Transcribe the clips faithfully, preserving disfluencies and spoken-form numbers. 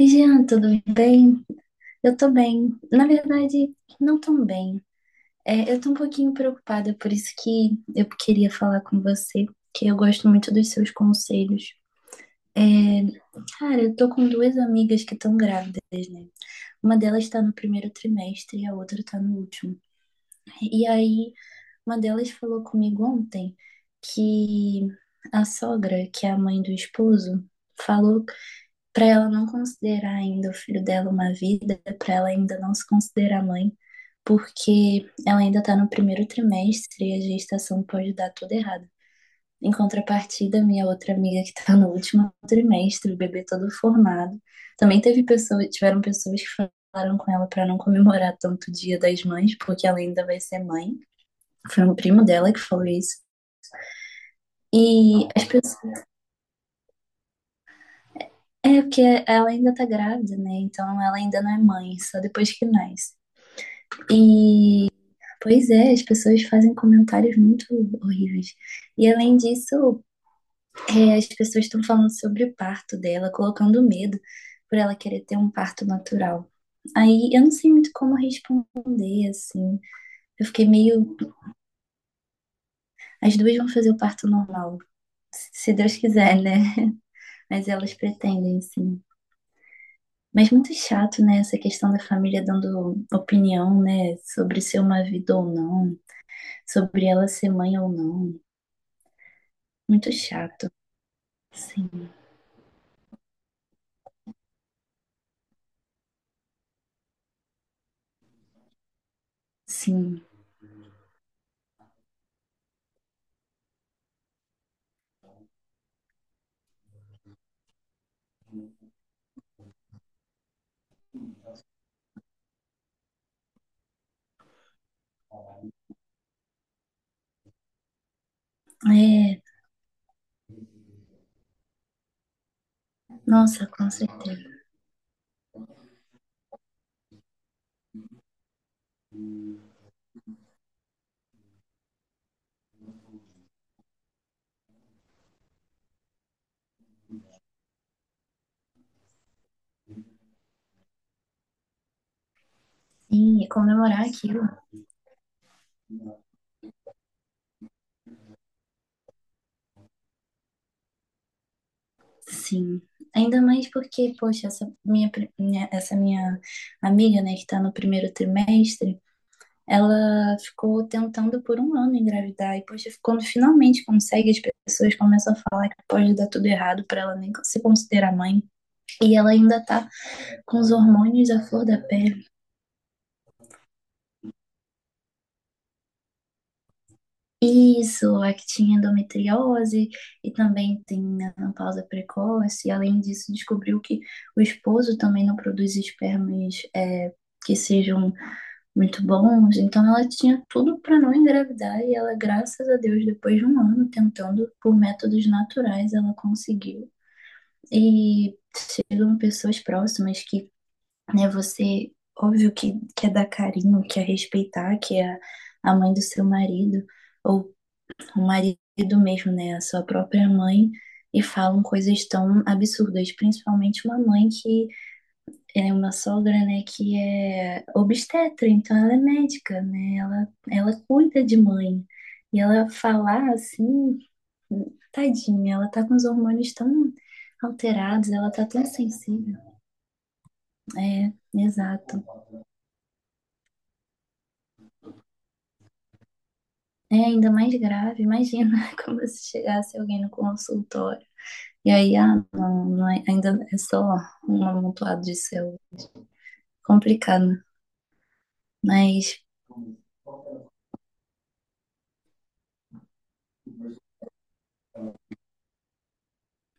Oi, Jean, tudo bem? Eu tô bem. Na verdade, não tão bem. É, eu tô um pouquinho preocupada, por isso que eu queria falar com você, que eu gosto muito dos seus conselhos. É, cara, eu tô com duas amigas que estão grávidas, né? Uma delas tá no primeiro trimestre e a outra tá no último. E aí, uma delas falou comigo ontem que a sogra, que é a mãe do esposo, falou para ela não considerar ainda o filho dela uma vida, para ela ainda não se considerar mãe, porque ela ainda está no primeiro trimestre e a gestação pode dar tudo errado. Em contrapartida, minha outra amiga que está no último trimestre, o bebê todo formado, também teve pessoas, tiveram pessoas que falaram com ela para não comemorar tanto o Dia das Mães, porque ela ainda vai ser mãe. Foi um primo dela que falou isso. E as pessoas. É, porque ela ainda tá grávida, né? Então ela ainda não é mãe, só depois que nasce. E, pois é, as pessoas fazem comentários muito horríveis. E além disso, é, as pessoas estão falando sobre o parto dela, colocando medo por ela querer ter um parto natural. Aí eu não sei muito como responder, assim. Eu fiquei meio. As duas vão fazer o parto normal, se Deus quiser, né? Mas elas pretendem, sim. Mas muito chato, né? Essa questão da família dando opinião, né? Sobre ser uma vida ou não, sobre ela ser mãe ou não. Muito chato. Sim, sim. É, nossa, com certeza. Sim, e comemorar aquilo. Sim. Ainda mais porque, poxa, essa minha, pri- minha- essa minha amiga, né, que tá no primeiro trimestre, ela ficou tentando por um ano engravidar. E, poxa, quando finalmente consegue, as pessoas começam a falar que pode dar tudo errado pra ela nem se considerar mãe. E ela ainda tá com os hormônios à flor da pele. Isso, é que tinha endometriose e também tem menopausa precoce. E além disso, descobriu que o esposo também não produz espermas é, que sejam muito bons. Então, ela tinha tudo para não engravidar e ela, graças a Deus, depois de um ano tentando por métodos naturais, ela conseguiu. E chegam pessoas próximas que, né, você, óbvio que quer dar carinho, quer respeitar, que é a mãe do seu marido ou o marido mesmo, né, a sua própria mãe, e falam coisas tão absurdas, principalmente uma mãe que é uma sogra, né, que é obstetra, então ela é médica, né, ela, ela cuida de mãe, e ela falar assim, tadinha, ela tá com os hormônios tão alterados, ela tá tão sensível. É, exato. É ainda mais grave, imagina como se chegasse alguém no consultório. E aí, ah, não, não é- ainda é só um amontoado de céu. Complicado. Mas,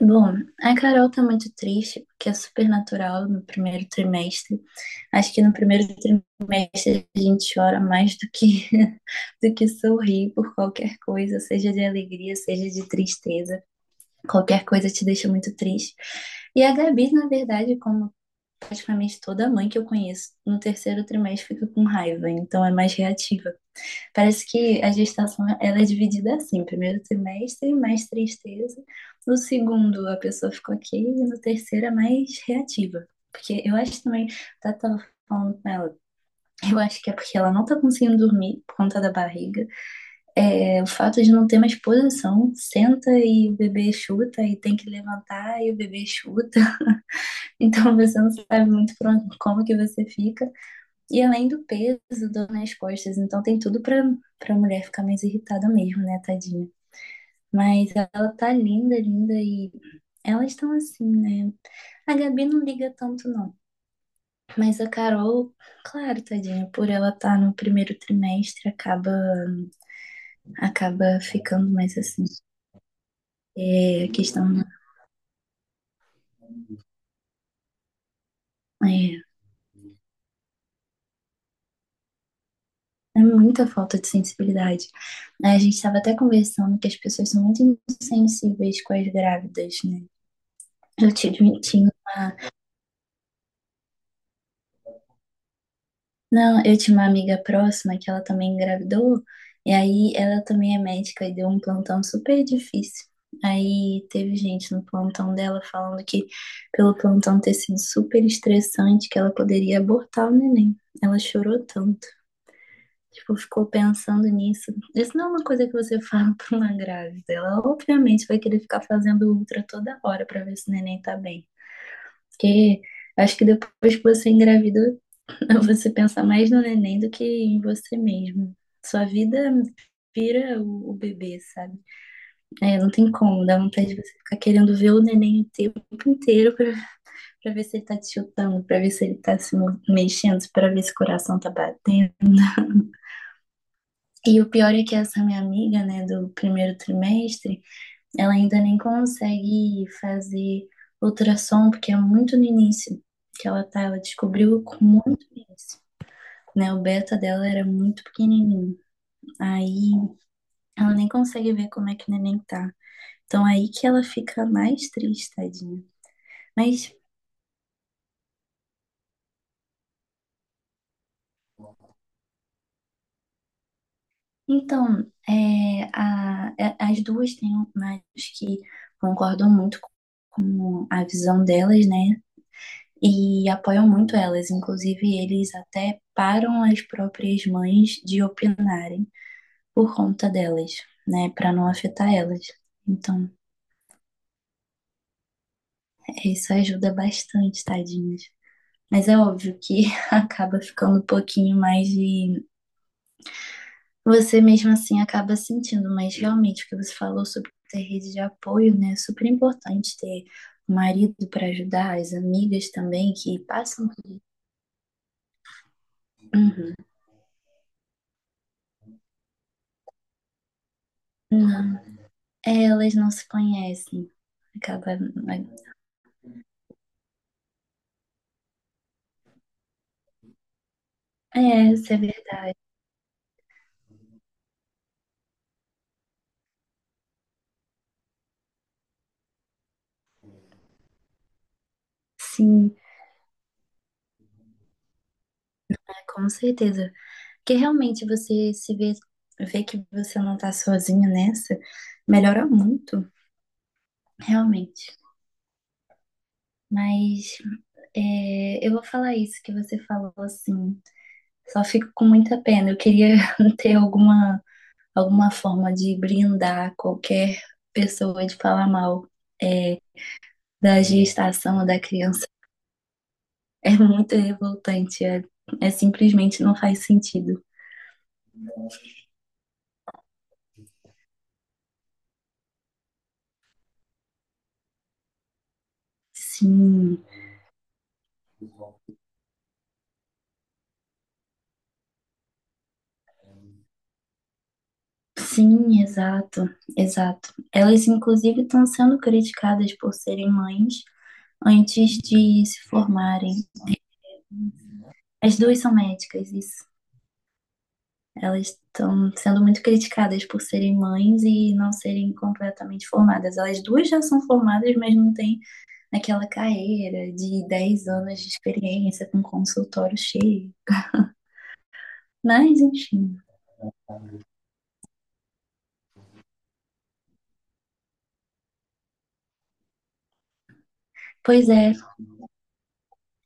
bom, a Carol tá muito triste, porque é super natural no primeiro trimestre. Acho que no primeiro trimestre a gente chora mais do que, do que sorrir por qualquer coisa, seja de alegria, seja de tristeza. Qualquer coisa te deixa muito triste. E a Gabi, na verdade, como praticamente toda mãe que eu conheço, no terceiro trimestre fica com raiva, então é mais reativa. Parece que a gestação ela é dividida assim, primeiro trimestre, mais tristeza, no segundo a pessoa ficou ok, e no terceiro é mais reativa. Porque eu acho também, tá tava falando com ela, eu acho que é porque ela não tá conseguindo dormir por conta da barriga. É, o fato de não ter mais posição, senta e o bebê chuta e tem que levantar e o bebê chuta. Então você não sabe muito pra como que você fica. E além do peso, dor nas costas, então tem tudo pra, pra mulher ficar mais irritada mesmo, né, tadinha. Mas ela tá linda, linda e elas estão assim, né? A Gabi não liga tanto, não. Mas a Carol, claro, tadinha, por ela estar tá no primeiro trimestre, acaba, acaba ficando mais assim. É, a questão é, é muita falta de sensibilidade. A gente estava até conversando que as pessoas são muito insensíveis com as grávidas, né? Eu tive, tinha uma Não, eu tinha uma amiga próxima que ela também engravidou, e aí ela também é médica e deu um plantão super difícil. Aí teve gente no plantão dela falando que, pelo plantão ter sido super estressante, que ela poderia abortar o neném. Ela chorou tanto. Tipo, ficou pensando nisso. Isso não é uma coisa que você fala pra uma grávida. Ela obviamente vai querer ficar fazendo ultra toda hora pra ver se o neném tá bem. Porque acho que depois que você engravida, você pensa mais no neném do que em você mesmo. Sua vida vira o, o bebê, sabe? É, não tem como, dá vontade de você ficar querendo ver o neném o tempo inteiro pra, pra ver se ele tá te chutando, pra ver se ele tá se mexendo, pra ver se o coração tá batendo. E o pior é que essa minha amiga, né, do primeiro trimestre, ela ainda nem consegue fazer ultrassom, porque é muito no início que ela tá, ela descobriu com muito no início, né? O beta dela era muito pequenininho. Aí ela nem consegue ver como é que o neném tá. Então é aí que ela fica mais triste, tadinha. Mas então, é, a- é- as duas têm médicos que concordam muito com com a visão delas, né? E apoiam muito elas. Inclusive, eles até param as próprias mães de opinarem por conta delas, né? Para não afetar elas. Então, isso ajuda bastante, tadinhas. Mas é óbvio que acaba ficando um pouquinho mais de. Você mesmo assim acaba sentindo, mas realmente o que você falou sobre ter rede de apoio, né? É super importante ter o marido para ajudar, as amigas também que passam. Uhum. Não. É, elas não se conhecem. Acaba. É, é, isso é verdade. Sim, com certeza. Porque realmente você se vê, vê que você não tá sozinha nessa, melhora muito, realmente. Mas é, eu vou falar isso que você falou assim. Só fico com muita pena. Eu queria ter alguma, alguma forma de brindar qualquer pessoa de falar mal é, da gestação da criança. É muito revoltante. É, é simplesmente não faz sentido. Sim, sim, exato, exato. Elas, inclusive, estão sendo criticadas por serem mães antes de se formarem. As duas são médicas, isso. Elas estão sendo muito criticadas por serem mães e não serem completamente formadas. Elas duas já são formadas, mas não têm aquela carreira de dez anos de experiência com consultório cheio. Mas, enfim. Pois é,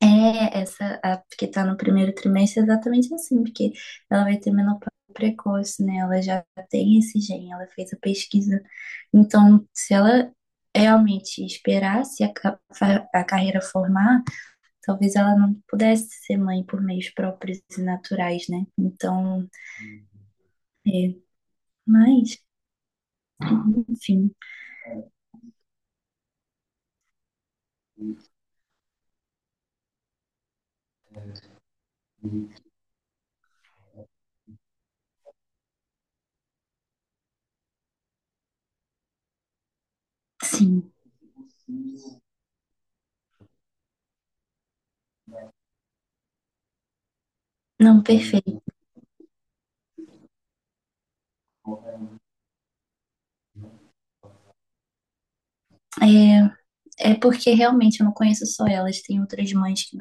é essa a que está no primeiro trimestre é exatamente assim, porque ela vai ter menopausa precoce, né? Ela já tem esse gene, ela fez a pesquisa. Então, se ela realmente esperar se a, a carreira formar, talvez ela não pudesse ser mãe por meios próprios e naturais, né? Então, é, mas, enfim, sim. Não, perfeito. É, é porque realmente eu não conheço só elas, tem outras mães que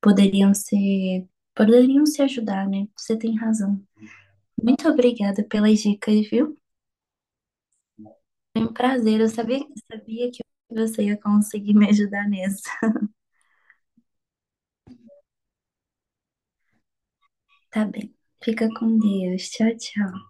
poderiam ser, poderiam se ajudar, né? Você tem razão. Muito obrigada pelas dicas, viu? Foi um prazer, eu sabia, sabia que você ia conseguir me ajudar nessa. Tá bem. Fica com Deus. Tchau, tchau.